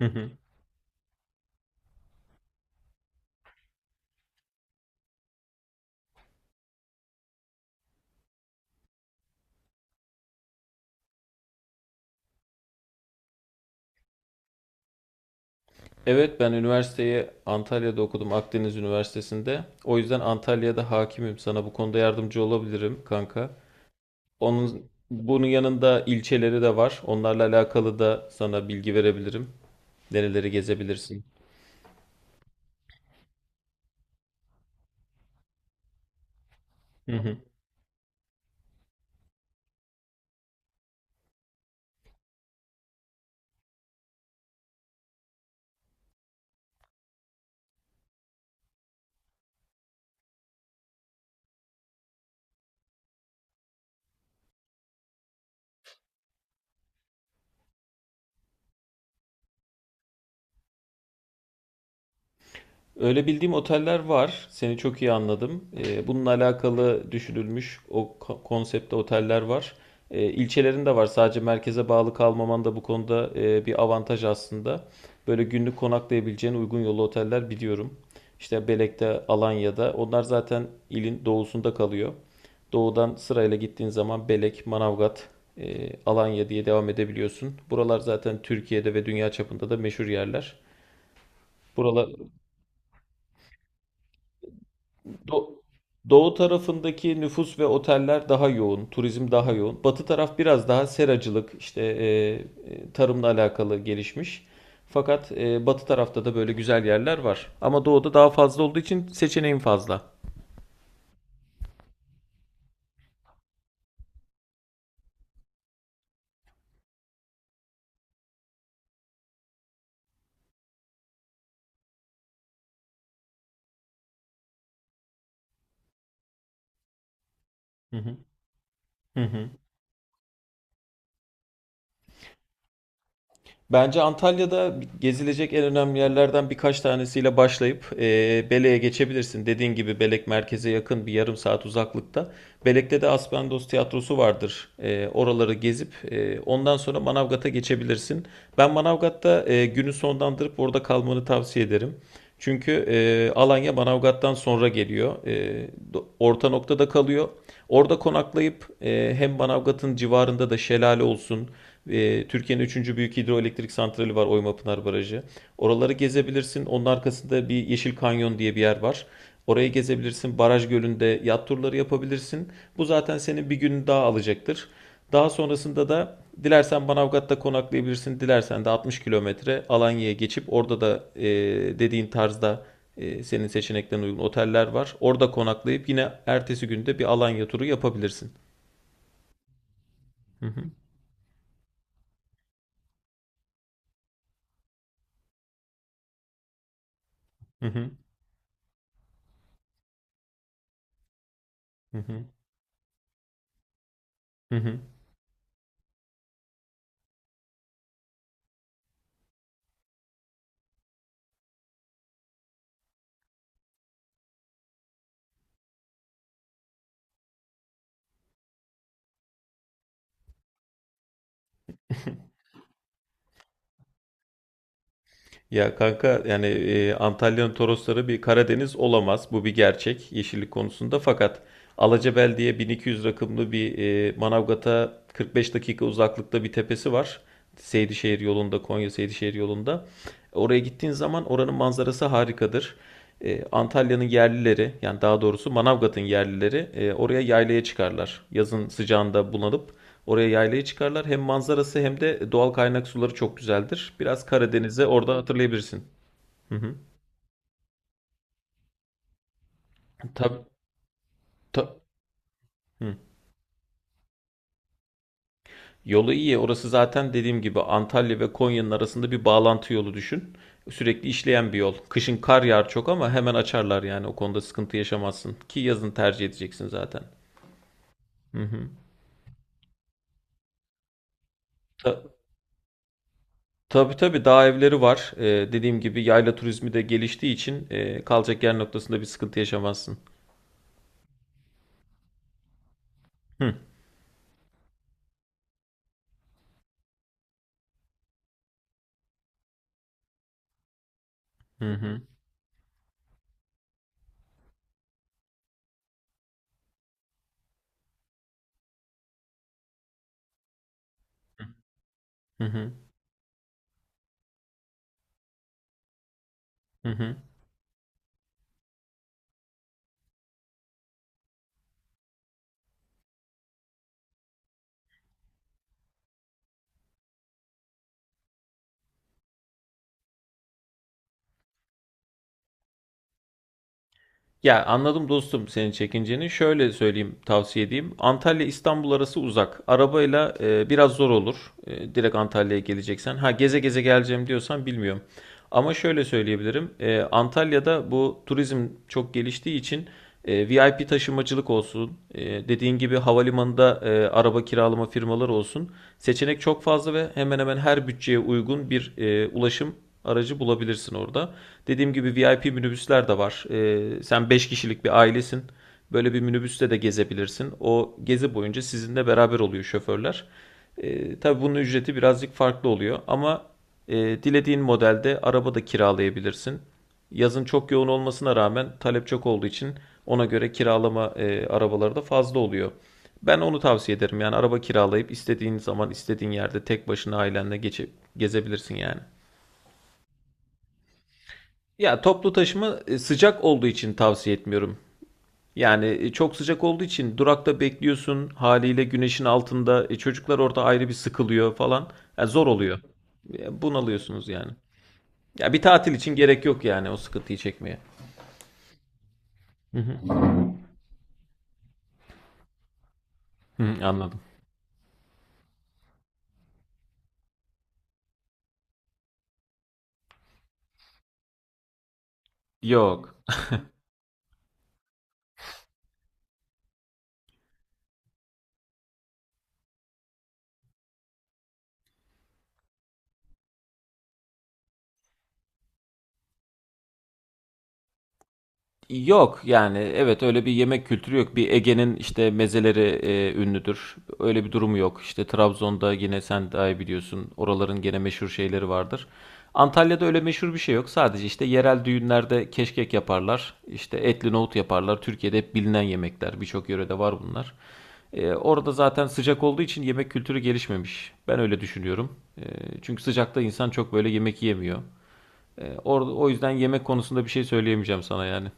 Hı hı. Evet, ben üniversiteyi Antalya'da okudum, Akdeniz Üniversitesi'nde. O yüzden Antalya'da hakimim. Sana bu konuda yardımcı olabilirim kanka. Onun bunun yanında ilçeleri de var. Onlarla alakalı da sana bilgi verebilirim. Nereleri gezebilirsin? Öyle bildiğim oteller var. Seni çok iyi anladım. Bununla alakalı düşünülmüş konsepte oteller var. İlçelerinde var. Sadece merkeze bağlı kalmaman da bu konuda bir avantaj aslında. Böyle günlük konaklayabileceğin uygun yolu oteller biliyorum. İşte Belek'te, Alanya'da. Onlar zaten ilin doğusunda kalıyor. Doğudan sırayla gittiğin zaman Belek, Manavgat, Alanya diye devam edebiliyorsun. Buralar zaten Türkiye'de ve dünya çapında da meşhur yerler. Buralar Do- doğu tarafındaki nüfus ve oteller daha yoğun, turizm daha yoğun. Batı taraf biraz daha seracılık, işte tarımla alakalı gelişmiş. Fakat batı tarafta da böyle güzel yerler var. Ama doğuda daha fazla olduğu için seçeneğin fazla. Hı hı. Hı hı. Bence Antalya'da gezilecek en önemli yerlerden birkaç tanesiyle başlayıp Belek'e geçebilirsin. Dediğin gibi Belek merkeze yakın, bir yarım saat uzaklıkta. Belek'te de Aspendos Tiyatrosu vardır. Oraları gezip ondan sonra Manavgat'a geçebilirsin. Ben Manavgat'ta günü sonlandırıp orada kalmanı tavsiye ederim. Çünkü Alanya Manavgat'tan sonra geliyor. Orta noktada kalıyor. Orada konaklayıp hem Manavgat'ın civarında da şelale olsun, Türkiye'nin üçüncü büyük hidroelektrik santrali var, Oymapınar Barajı. Oraları gezebilirsin. Onun arkasında bir Yeşil Kanyon diye bir yer var. Orayı gezebilirsin. Baraj gölünde yat turları yapabilirsin. Bu zaten senin bir gününü daha alacaktır. Daha sonrasında da dilersen Manavgat'ta konaklayabilirsin. Dilersen de 60 kilometre Alanya'ya geçip orada da dediğin tarzda senin seçeneklerine uygun oteller var. Orada konaklayıp yine ertesi günde bir Alanya turu yapabilirsin. Hı hı. Hı hı. Hı hı. Hı hı. Ya kanka, yani Antalya'nın Torosları bir Karadeniz olamaz. Bu bir gerçek yeşillik konusunda. Fakat Alacabel diye 1200 rakımlı bir, Manavgat'a 45 dakika uzaklıkta bir tepesi var. Seydişehir yolunda, Konya Seydişehir yolunda. Oraya gittiğin zaman oranın manzarası harikadır. Antalya'nın yerlileri, yani daha doğrusu Manavgat'ın yerlileri, oraya yaylaya çıkarlar. Yazın sıcağında bulanıp oraya yaylayı çıkarlar. Hem manzarası hem de doğal kaynak suları çok güzeldir. Biraz Karadeniz'e oradan hatırlayabilirsin. Hı hı. Tabii, ta- hı. Yolu iyi. Orası zaten dediğim gibi Antalya ve Konya'nın arasında bir bağlantı yolu, düşün. Sürekli işleyen bir yol. Kışın kar yağar çok ama hemen açarlar yani. O konuda sıkıntı yaşamazsın. Ki yazın tercih edeceksin zaten. Hı hı. Ta- tabii tabii, dağ evleri var. Dediğim gibi yayla turizmi de geliştiği için kalacak yer noktasında bir sıkıntı yaşamazsın. Hı hı, hı hı, hı. Hı. Ya anladım dostum, senin çekinceni. Şöyle söyleyeyim, tavsiye edeyim. Antalya İstanbul arası uzak. Arabayla biraz zor olur. Direkt Antalya'ya geleceksen. Ha, geze geze geleceğim diyorsan bilmiyorum. Ama şöyle söyleyebilirim. Antalya'da bu turizm çok geliştiği için VIP taşımacılık olsun, dediğin gibi havalimanında araba kiralama firmaları olsun. Seçenek çok fazla ve hemen hemen her bütçeye uygun bir ulaşım aracı bulabilirsin orada. Dediğim gibi VIP minibüsler de var. Sen 5 kişilik bir ailesin. Böyle bir minibüste de gezebilirsin. O gezi boyunca sizinle beraber oluyor şoförler. Tabii bunun ücreti birazcık farklı oluyor ama dilediğin modelde araba da kiralayabilirsin. Yazın çok yoğun olmasına rağmen talep çok olduğu için ona göre kiralama arabaları da fazla oluyor. Ben onu tavsiye ederim. Yani araba kiralayıp istediğin zaman istediğin yerde tek başına ailenle geçip gezebilirsin yani. Ya toplu taşıma sıcak olduğu için tavsiye etmiyorum. Yani çok sıcak olduğu için durakta bekliyorsun, haliyle güneşin altında çocuklar orada ayrı bir sıkılıyor falan. Yani zor oluyor. Bunalıyorsunuz yani. Ya bir tatil için gerek yok yani, o sıkıntıyı çekmeye. Hı, anladım. Yok. Yok yani, evet, öyle bir yemek kültürü yok. Bir Ege'nin işte mezeleri ünlüdür. Öyle bir durumu yok. İşte Trabzon'da yine sen daha iyi biliyorsun. Oraların gene meşhur şeyleri vardır. Antalya'da öyle meşhur bir şey yok. Sadece işte yerel düğünlerde keşkek yaparlar. İşte etli nohut yaparlar. Türkiye'de hep bilinen yemekler. Birçok yörede var bunlar. Orada zaten sıcak olduğu için yemek kültürü gelişmemiş. Ben öyle düşünüyorum. Çünkü sıcakta insan çok böyle yemek yemiyor. Orada o yüzden yemek konusunda bir şey söyleyemeyeceğim sana yani.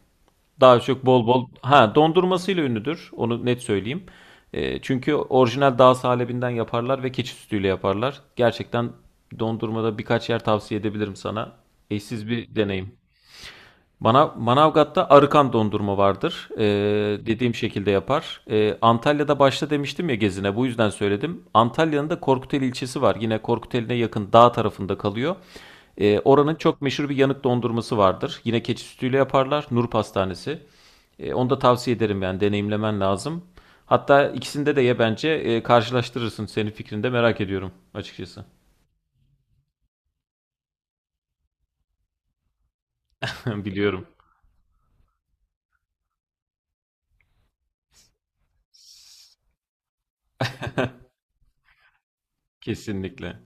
Daha çok bol bol dondurmasıyla ünlüdür. Onu net söyleyeyim. Çünkü orijinal dağ salebinden yaparlar ve keçi sütüyle yaparlar. Gerçekten dondurmada birkaç yer tavsiye edebilirim sana. Eşsiz bir deneyim. Manavgat'ta arıkan dondurma vardır. Dediğim şekilde yapar. Antalya'da başta demiştim ya, gezine bu yüzden söyledim. Antalya'nın da Korkuteli ilçesi var. Yine Korkuteli'ne yakın dağ tarafında kalıyor. Oranın çok meşhur bir yanık dondurması vardır. Yine keçi sütüyle yaparlar. Nur Pastanesi. Onu da tavsiye ederim, yani deneyimlemen lazım. Hatta ikisinde de ye bence. Karşılaştırırsın. Senin fikrini de merak ediyorum açıkçası. Biliyorum. Kesinlikle.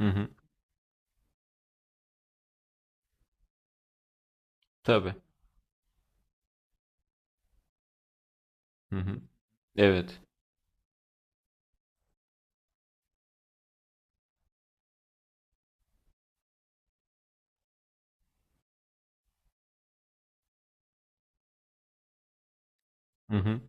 Hı hı. Tabii. Hı hı. Evet. Hı hı.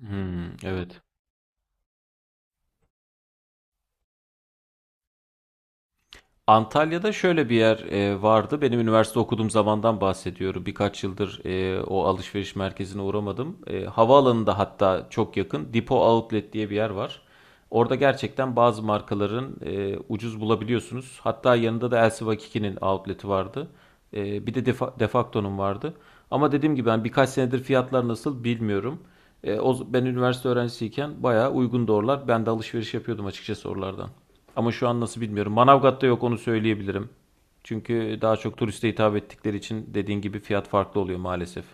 Hımm, evet. Antalya'da şöyle bir yer vardı. Benim üniversite okuduğum zamandan bahsediyorum. Birkaç yıldır o alışveriş merkezine uğramadım. Havaalanında hatta çok yakın, Depo Outlet diye bir yer var. Orada gerçekten bazı markaların ucuz bulabiliyorsunuz. Hatta yanında da LC-Vakiki'nin outlet'i vardı. Bir de Defacto'nun vardı. Ama dediğim gibi ben birkaç senedir fiyatlar nasıl bilmiyorum. Ben üniversite öğrencisiyken bayağı uygun oralar. Ben de alışveriş yapıyordum açıkçası oralardan. Ama şu an nasıl bilmiyorum. Manavgat'ta yok, onu söyleyebilirim. Çünkü daha çok turiste hitap ettikleri için dediğin gibi fiyat farklı oluyor maalesef.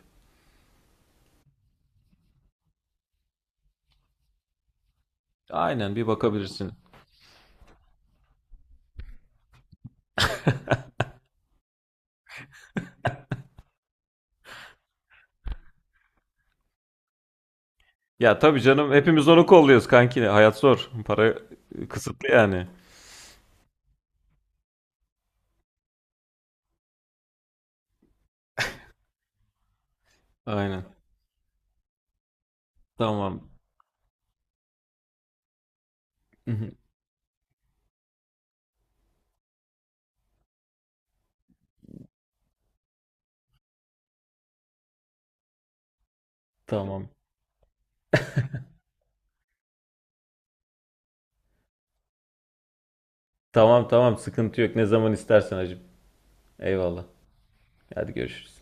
Aynen, bir bakabilirsin. Ya tabii canım, hepimiz onu kolluyoruz kanki. Hayat zor. Para kısıtlı yani. Aynen. Tamam. Tamam. Tamam tamam, sıkıntı yok. Ne zaman istersen hacım. Eyvallah. Hadi görüşürüz.